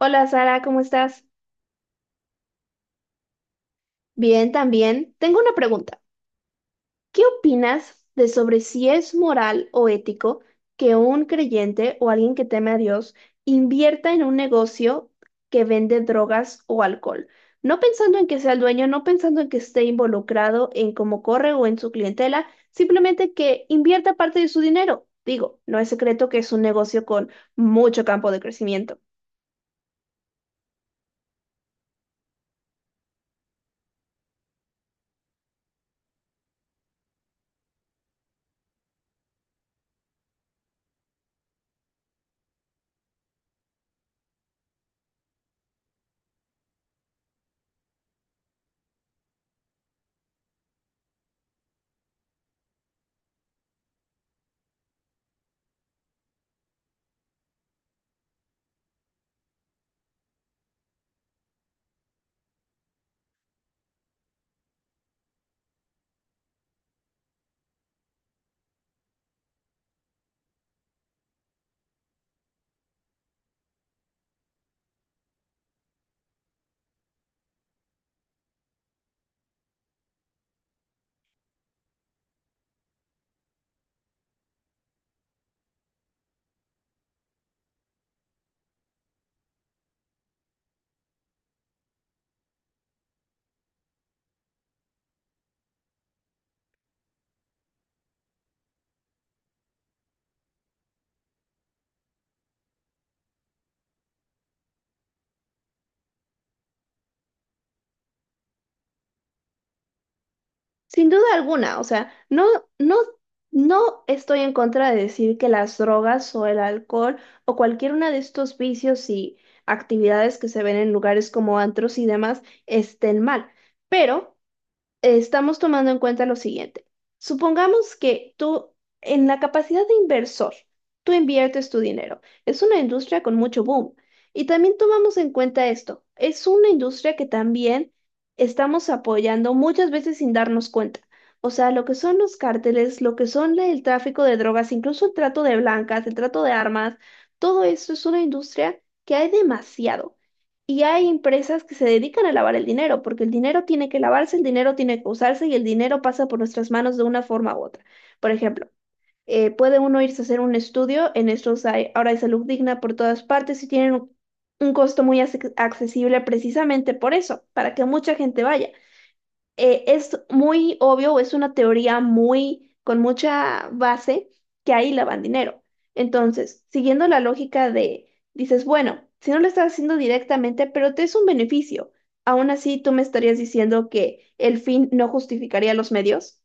Hola Sara, ¿cómo estás? Bien, también. Tengo una pregunta. ¿Qué opinas de sobre si es moral o ético que un creyente o alguien que teme a Dios invierta en un negocio que vende drogas o alcohol? No pensando en que sea el dueño, no pensando en que esté involucrado en cómo corre o en su clientela, simplemente que invierta parte de su dinero. Digo, no es secreto que es un negocio con mucho campo de crecimiento. Sin duda alguna, o sea, no, no, no estoy en contra de decir que las drogas o el alcohol o cualquier una de estos vicios y actividades que se ven en lugares como antros y demás estén mal, pero estamos tomando en cuenta lo siguiente. Supongamos que tú, en la capacidad de inversor, tú inviertes tu dinero. Es una industria con mucho boom. Y también tomamos en cuenta esto. Es una industria que también estamos apoyando muchas veces sin darnos cuenta. O sea, lo que son los cárteles, lo que son el tráfico de drogas, incluso el trato de blancas, el trato de armas, todo esto es una industria que hay demasiado. Y hay empresas que se dedican a lavar el dinero, porque el dinero tiene que lavarse, el dinero tiene que usarse y el dinero pasa por nuestras manos de una forma u otra. Por ejemplo, puede uno irse a hacer un estudio, en estos hay, ahora hay salud digna por todas partes y tienen un costo muy accesible precisamente por eso, para que mucha gente vaya es muy obvio o es una teoría muy con mucha base que ahí lavan dinero. Entonces, siguiendo la lógica de, dices, bueno, si no lo estás haciendo directamente, pero te es un beneficio, aún así tú me estarías diciendo que el fin no justificaría los medios.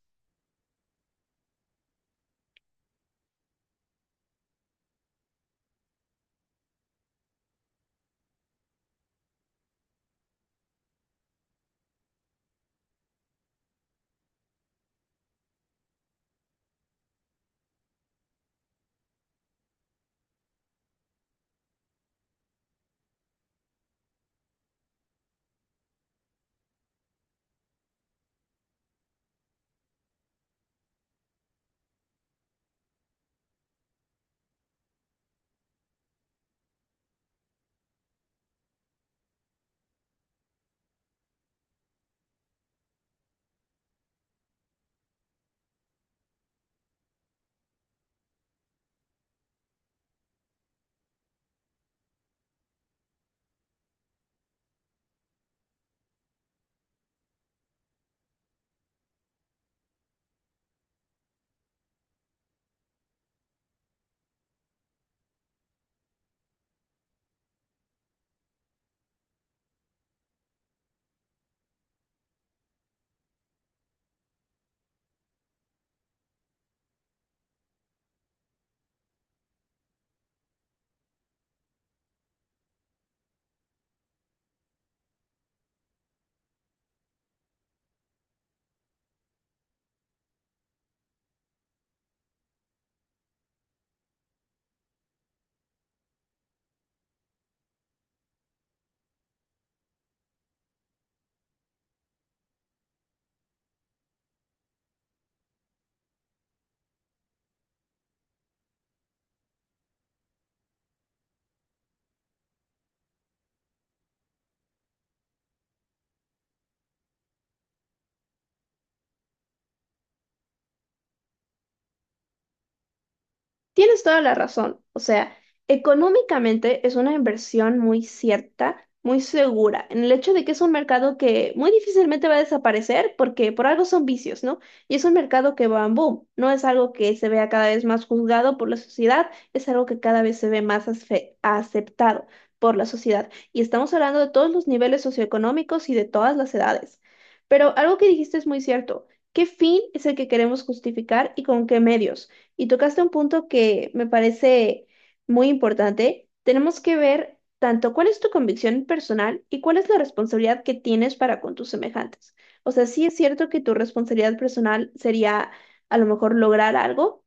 Tienes toda la razón. O sea, económicamente es una inversión muy cierta, muy segura, en el hecho de que es un mercado que muy difícilmente va a desaparecer porque por algo son vicios, ¿no? Y es un mercado que va en boom, no es algo que se vea cada vez más juzgado por la sociedad, es algo que cada vez se ve más aceptado por la sociedad. Y estamos hablando de todos los niveles socioeconómicos y de todas las edades. Pero algo que dijiste es muy cierto. ¿Qué fin es el que queremos justificar y con qué medios? Y tocaste un punto que me parece muy importante. Tenemos que ver tanto cuál es tu convicción personal y cuál es la responsabilidad que tienes para con tus semejantes. O sea, sí es cierto que tu responsabilidad personal sería a lo mejor lograr algo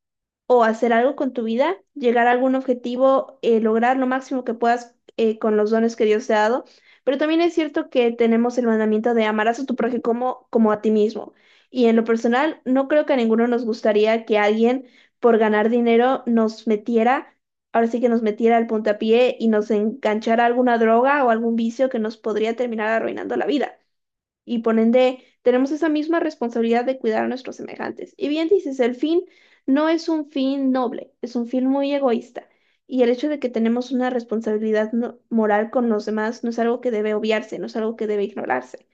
o hacer algo con tu vida, llegar a algún objetivo, lograr lo máximo que puedas con los dones que Dios te ha dado. Pero también es cierto que tenemos el mandamiento de amarás a tu prójimo como a ti mismo. Y en lo personal, no creo que a ninguno nos gustaría que alguien por ganar dinero nos metiera, ahora sí que nos metiera al puntapié y nos enganchara a alguna droga o algún vicio que nos podría terminar arruinando la vida. Y por ende, tenemos esa misma responsabilidad de cuidar a nuestros semejantes. Y bien dices, el fin no es un fin noble, es un fin muy egoísta. Y el hecho de que tenemos una responsabilidad moral con los demás no es algo que debe obviarse, no es algo que debe ignorarse.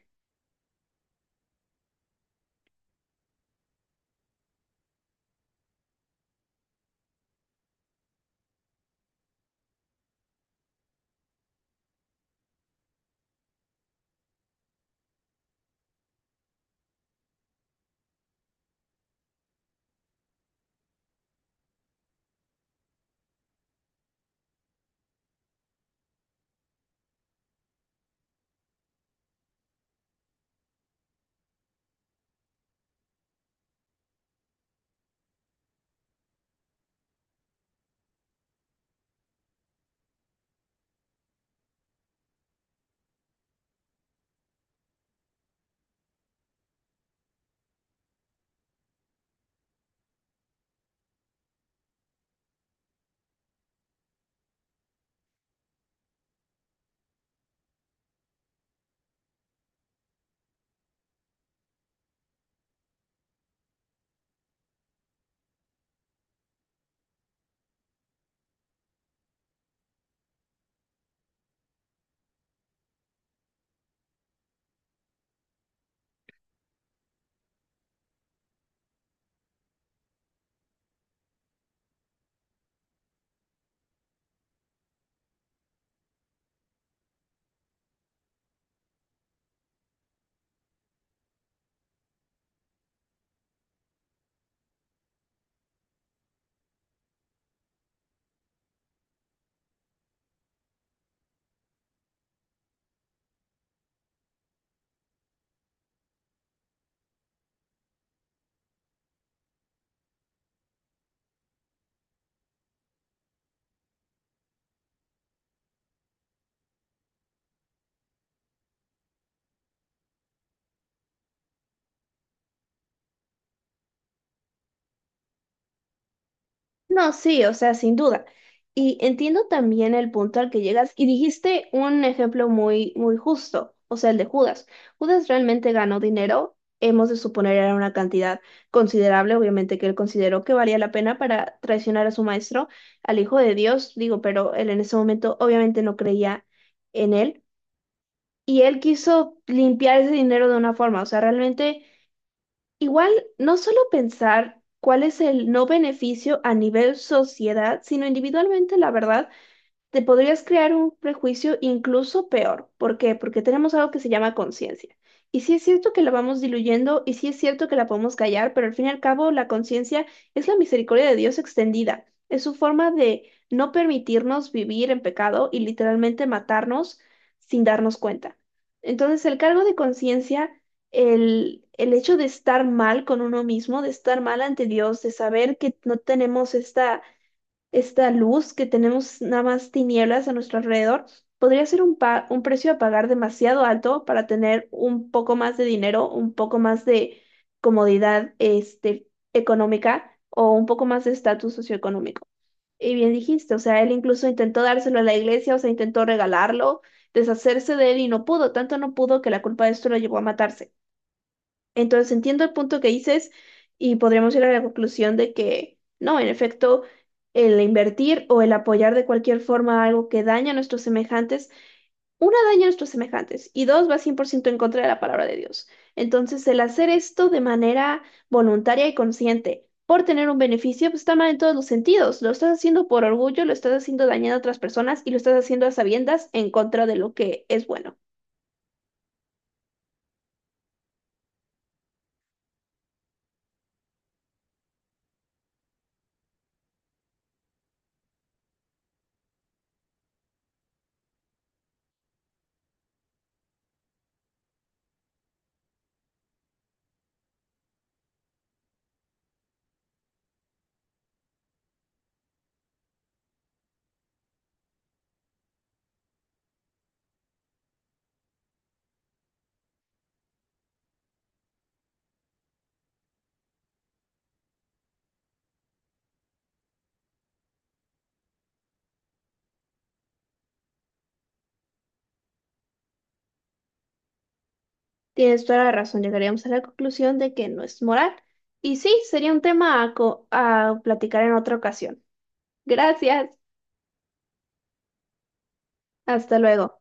No, sí, o sea, sin duda. Y entiendo también el punto al que llegas y dijiste un ejemplo muy, muy justo, o sea, el de Judas. Judas realmente ganó dinero, hemos de suponer era una cantidad considerable, obviamente que él consideró que valía la pena para traicionar a su maestro, al Hijo de Dios, digo, pero él en ese momento obviamente no creía en él y él quiso limpiar ese dinero de una forma, o sea, realmente. Igual, no solo pensar cuál es el no beneficio a nivel sociedad, sino individualmente, la verdad te podrías crear un prejuicio incluso peor. ¿Por qué? Porque tenemos algo que se llama conciencia. Y sí es cierto que la vamos diluyendo y sí es cierto que la podemos callar, pero al fin y al cabo la conciencia es la misericordia de Dios extendida. Es su forma de no permitirnos vivir en pecado y literalmente matarnos sin darnos cuenta. Entonces, el cargo de conciencia, el hecho de estar mal con uno mismo, de estar mal ante Dios, de saber que no tenemos esta esta luz que tenemos nada más tinieblas a nuestro alrededor, podría ser un precio a pagar demasiado alto para tener un poco más de dinero, un poco más de comodidad este, económica o un poco más de estatus socioeconómico. Y bien dijiste, o sea, él incluso intentó dárselo a la iglesia, o sea, intentó regalarlo, deshacerse de él y no pudo, tanto no pudo que la culpa de esto lo llevó a matarse. Entonces entiendo el punto que dices y podríamos ir a la conclusión de que no, en efecto, el invertir o el apoyar de cualquier forma algo que daña a nuestros semejantes, una daña a nuestros semejantes y dos va 100% en contra de la palabra de Dios. Entonces el hacer esto de manera voluntaria y consciente por tener un beneficio, pues está mal en todos los sentidos. Lo estás haciendo por orgullo, lo estás haciendo dañando a otras personas y lo estás haciendo a sabiendas en contra de lo que es bueno. Tienes toda la razón, llegaríamos a la conclusión de que no es moral. Y sí, sería un tema a platicar en otra ocasión. Gracias, hasta luego.